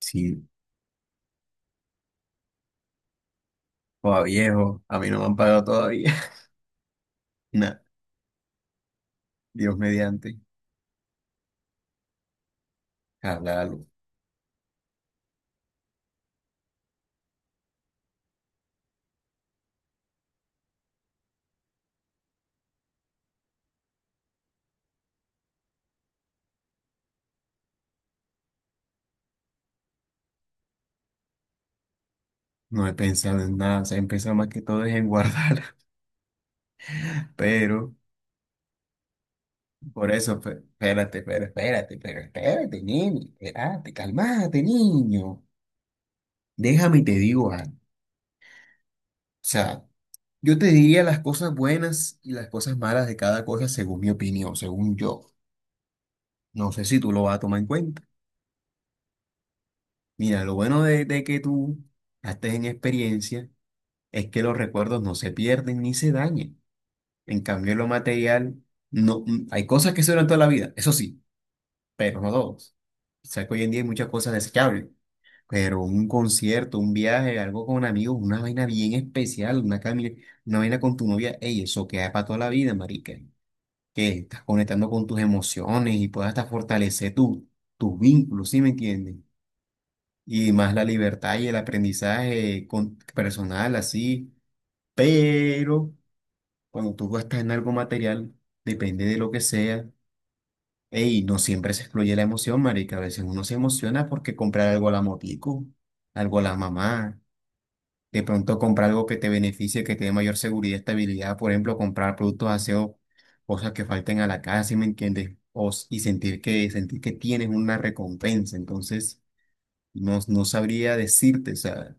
Sí, joda viejo, a mí no me han pagado todavía. Nah, Dios mediante, háblalo. No he pensado en nada, o sea, he pensado más que todo es en guardar. Pero, por eso, espérate, pero espérate, pero espérate, niño, espérate, calmate, niño. Déjame y te digo algo. O sea, yo te diría las cosas buenas y las cosas malas de cada cosa según mi opinión, según yo. No sé si tú lo vas a tomar en cuenta. Mira, lo bueno de que tú estés en experiencia es que los recuerdos no se pierden ni se dañen. En cambio, lo material, no, hay cosas que se duran toda la vida, eso sí, pero no todos. O sea, que hoy en día hay muchas cosas desechables, pero un concierto, un viaje, algo con amigos, una vaina bien especial, una camina, una vaina con tu novia, ey, eso queda para toda la vida, marica. Que estás conectando con tus emociones y puedas hasta fortalecer tus vínculos, ¿sí me entiendes? Y más la libertad y el aprendizaje con, personal, así. Pero cuando tú gastas en algo material, depende de lo que sea. Ey, no siempre se excluye la emoción, marica. A veces uno se emociona porque comprar algo a la motico, algo a la mamá. De pronto comprar algo que te beneficie, que te dé mayor seguridad y estabilidad. Por ejemplo, comprar productos de aseo, cosas que falten a la casa, ¿sí me entiendes? Y sentir que tienes una recompensa. Entonces, no, no sabría decirte, o sea,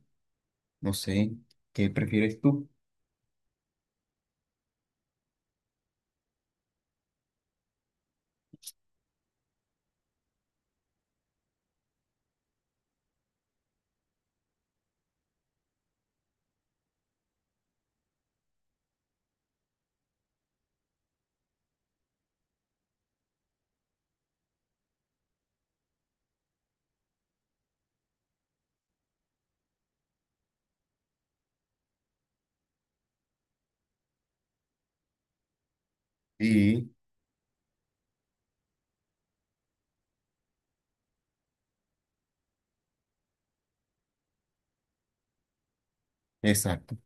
no sé, ¿qué prefieres tú? Y, exacto.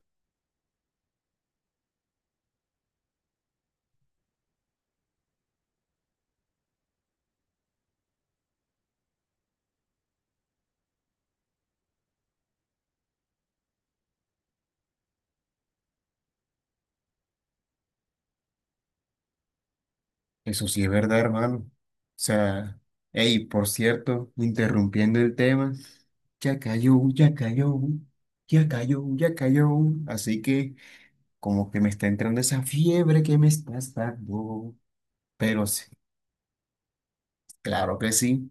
Eso sí es verdad, hermano. O sea, hey, por cierto, interrumpiendo el tema, ya cayó, ya cayó, ya cayó, ya cayó. Así que como que me está entrando esa fiebre que me estás dando. Pero sí, claro que sí,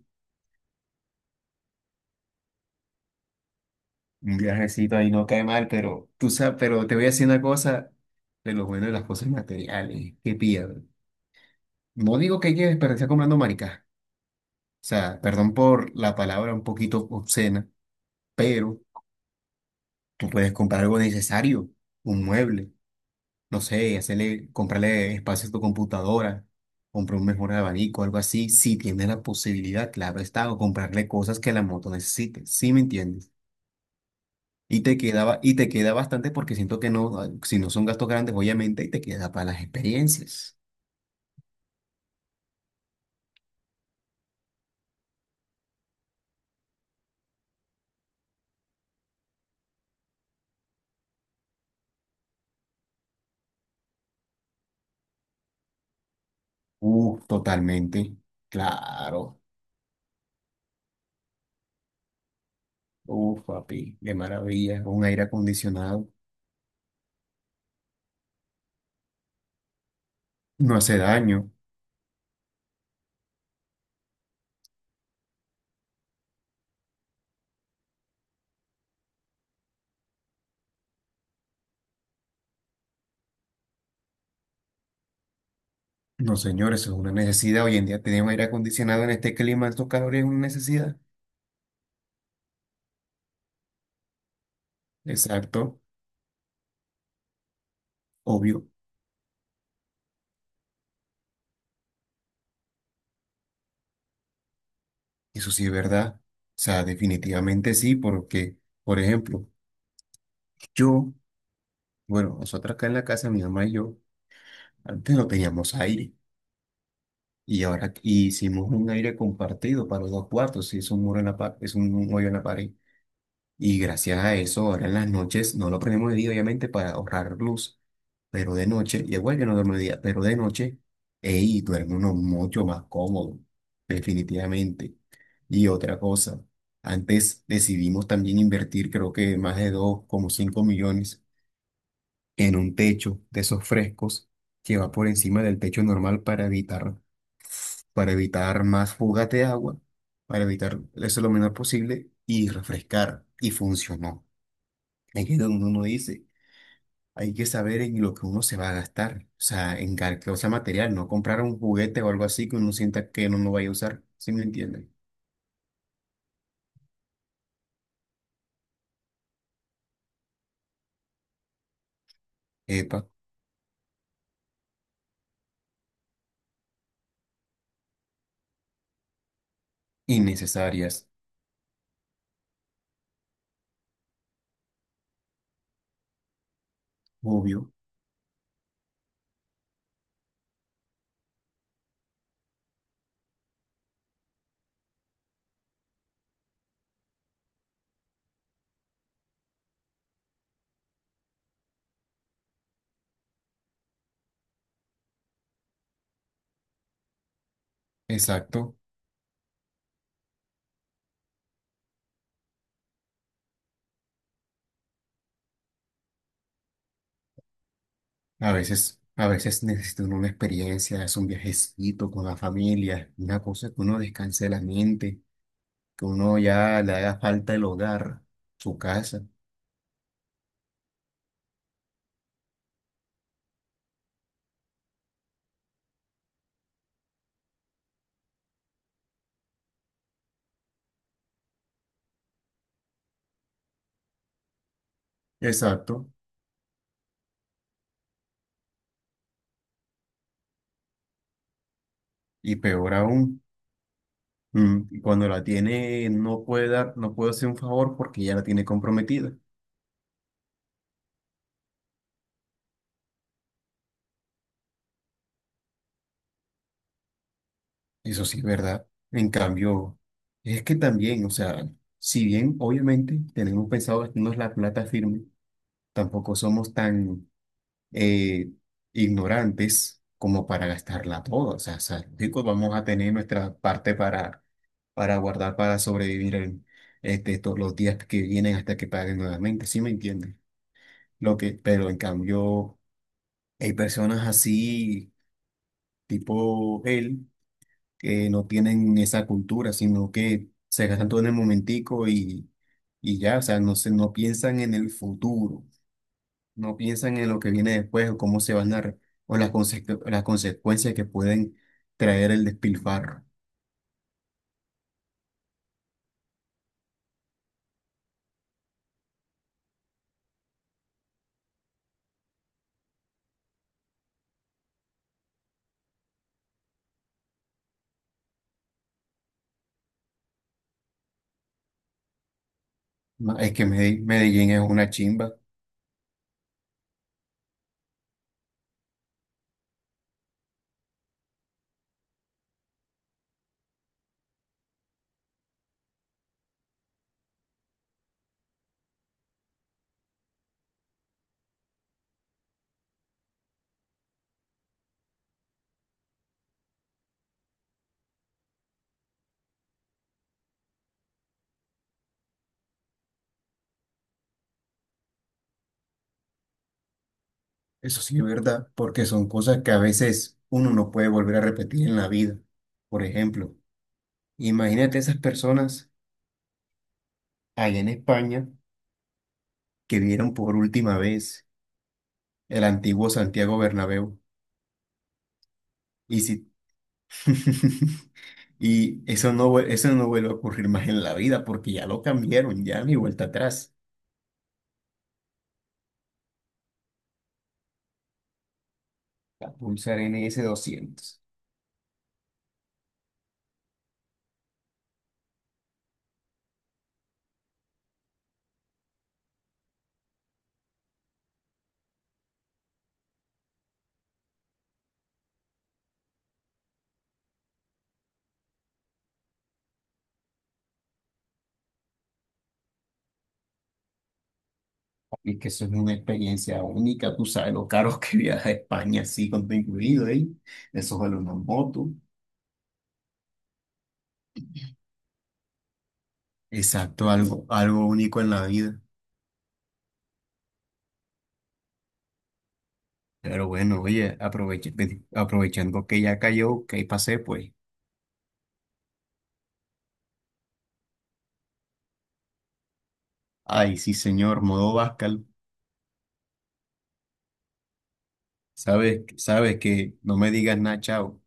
un viajecito ahí no cae mal, pero tú sabes, pero te voy a decir una cosa de lo bueno de las cosas materiales, que pilla. No digo que lleves, pero está comprando maricas. O sea, perdón por la palabra un poquito obscena, pero... Tú puedes comprar algo necesario, un mueble, no sé, hacerle, comprarle espacio a tu computadora, comprar un mejor abanico, algo así, si tienes la posibilidad, claro está, o comprarle cosas que la moto necesite, ¿sí me entiendes? Y te queda bastante porque siento que no, si no son gastos grandes, obviamente, y te queda para las experiencias. Totalmente, claro. Uf, papi, qué maravilla, un aire acondicionado, no hace daño. No, señores, es una necesidad. Hoy en día tener un aire acondicionado en este clima, estos calores es una necesidad. Exacto, obvio. Eso sí es verdad. O sea, definitivamente sí, porque, por ejemplo, yo, bueno, nosotros acá en la casa, mi mamá y yo, antes no teníamos aire. Y ahora hicimos un aire compartido para los dos cuartos. Sí, es un muro en la pared, es un hoyo en la pared. Y gracias a eso, ahora en las noches, no lo prendemos de día, obviamente, para ahorrar luz, pero de noche, y igual yo no duermo de día, pero de noche, ey, duerme uno mucho más cómodo, definitivamente. Y otra cosa, antes decidimos también invertir, creo que más de 2,5 millones en un techo de esos frescos que va por encima del techo normal para evitar, más fugas de agua, para evitar eso lo menor posible y refrescar. Y funcionó. Aquí que donde uno dice, hay que saber en lo que uno se va a gastar, o sea, material, no comprar un juguete o algo así que uno sienta que no lo vaya a usar, ¿sí me entienden? Epa, innecesarias, obvio, exacto. A veces necesita uno una experiencia, es un viajecito con la familia, una cosa que uno descanse la mente, que uno ya le haga falta el hogar, su casa, exacto. Y peor aún. Y cuando la tiene, no puede dar, no puede hacer un favor porque ya la tiene comprometida. Eso sí es verdad. En cambio, es que también, o sea, si bien obviamente tenemos pensado gastarnos la plata firme, tampoco somos tan eh, ignorantes como para gastarla toda. O sea, chicos, vamos a tener nuestra parte para, guardar, para sobrevivir en, este, todos los días que vienen hasta que paguen nuevamente. ¿Sí me entienden? Lo que, pero en cambio. Hay personas así, tipo él, que no tienen esa cultura, sino que se gastan todo en el momentico y, no piensan en el futuro, no piensan en lo que viene después o cómo se van o las consecuencias que pueden traer el despilfarro. Es que Medellín es una chimba, eso sí es verdad, porque son cosas que a veces uno no puede volver a repetir en la vida. Por ejemplo, imagínate esas personas allá en España que vieron por última vez el antiguo Santiago Bernabéu. Y si... Eso no vuelve a ocurrir más en la vida porque ya lo cambiaron, ya ni vuelta atrás. La Pulsar NS 200. Y que eso es una experiencia única, tú sabes lo caro que viaja a España así con todo incluido, ¿eh? Eso vale una moto. Exacto, algo, algo único en la vida. Pero bueno, oye, aprovechando que ya cayó, que ahí pasé, pues. Ay, sí, señor, modo Bascal. Sabes que no me digas nada, chao.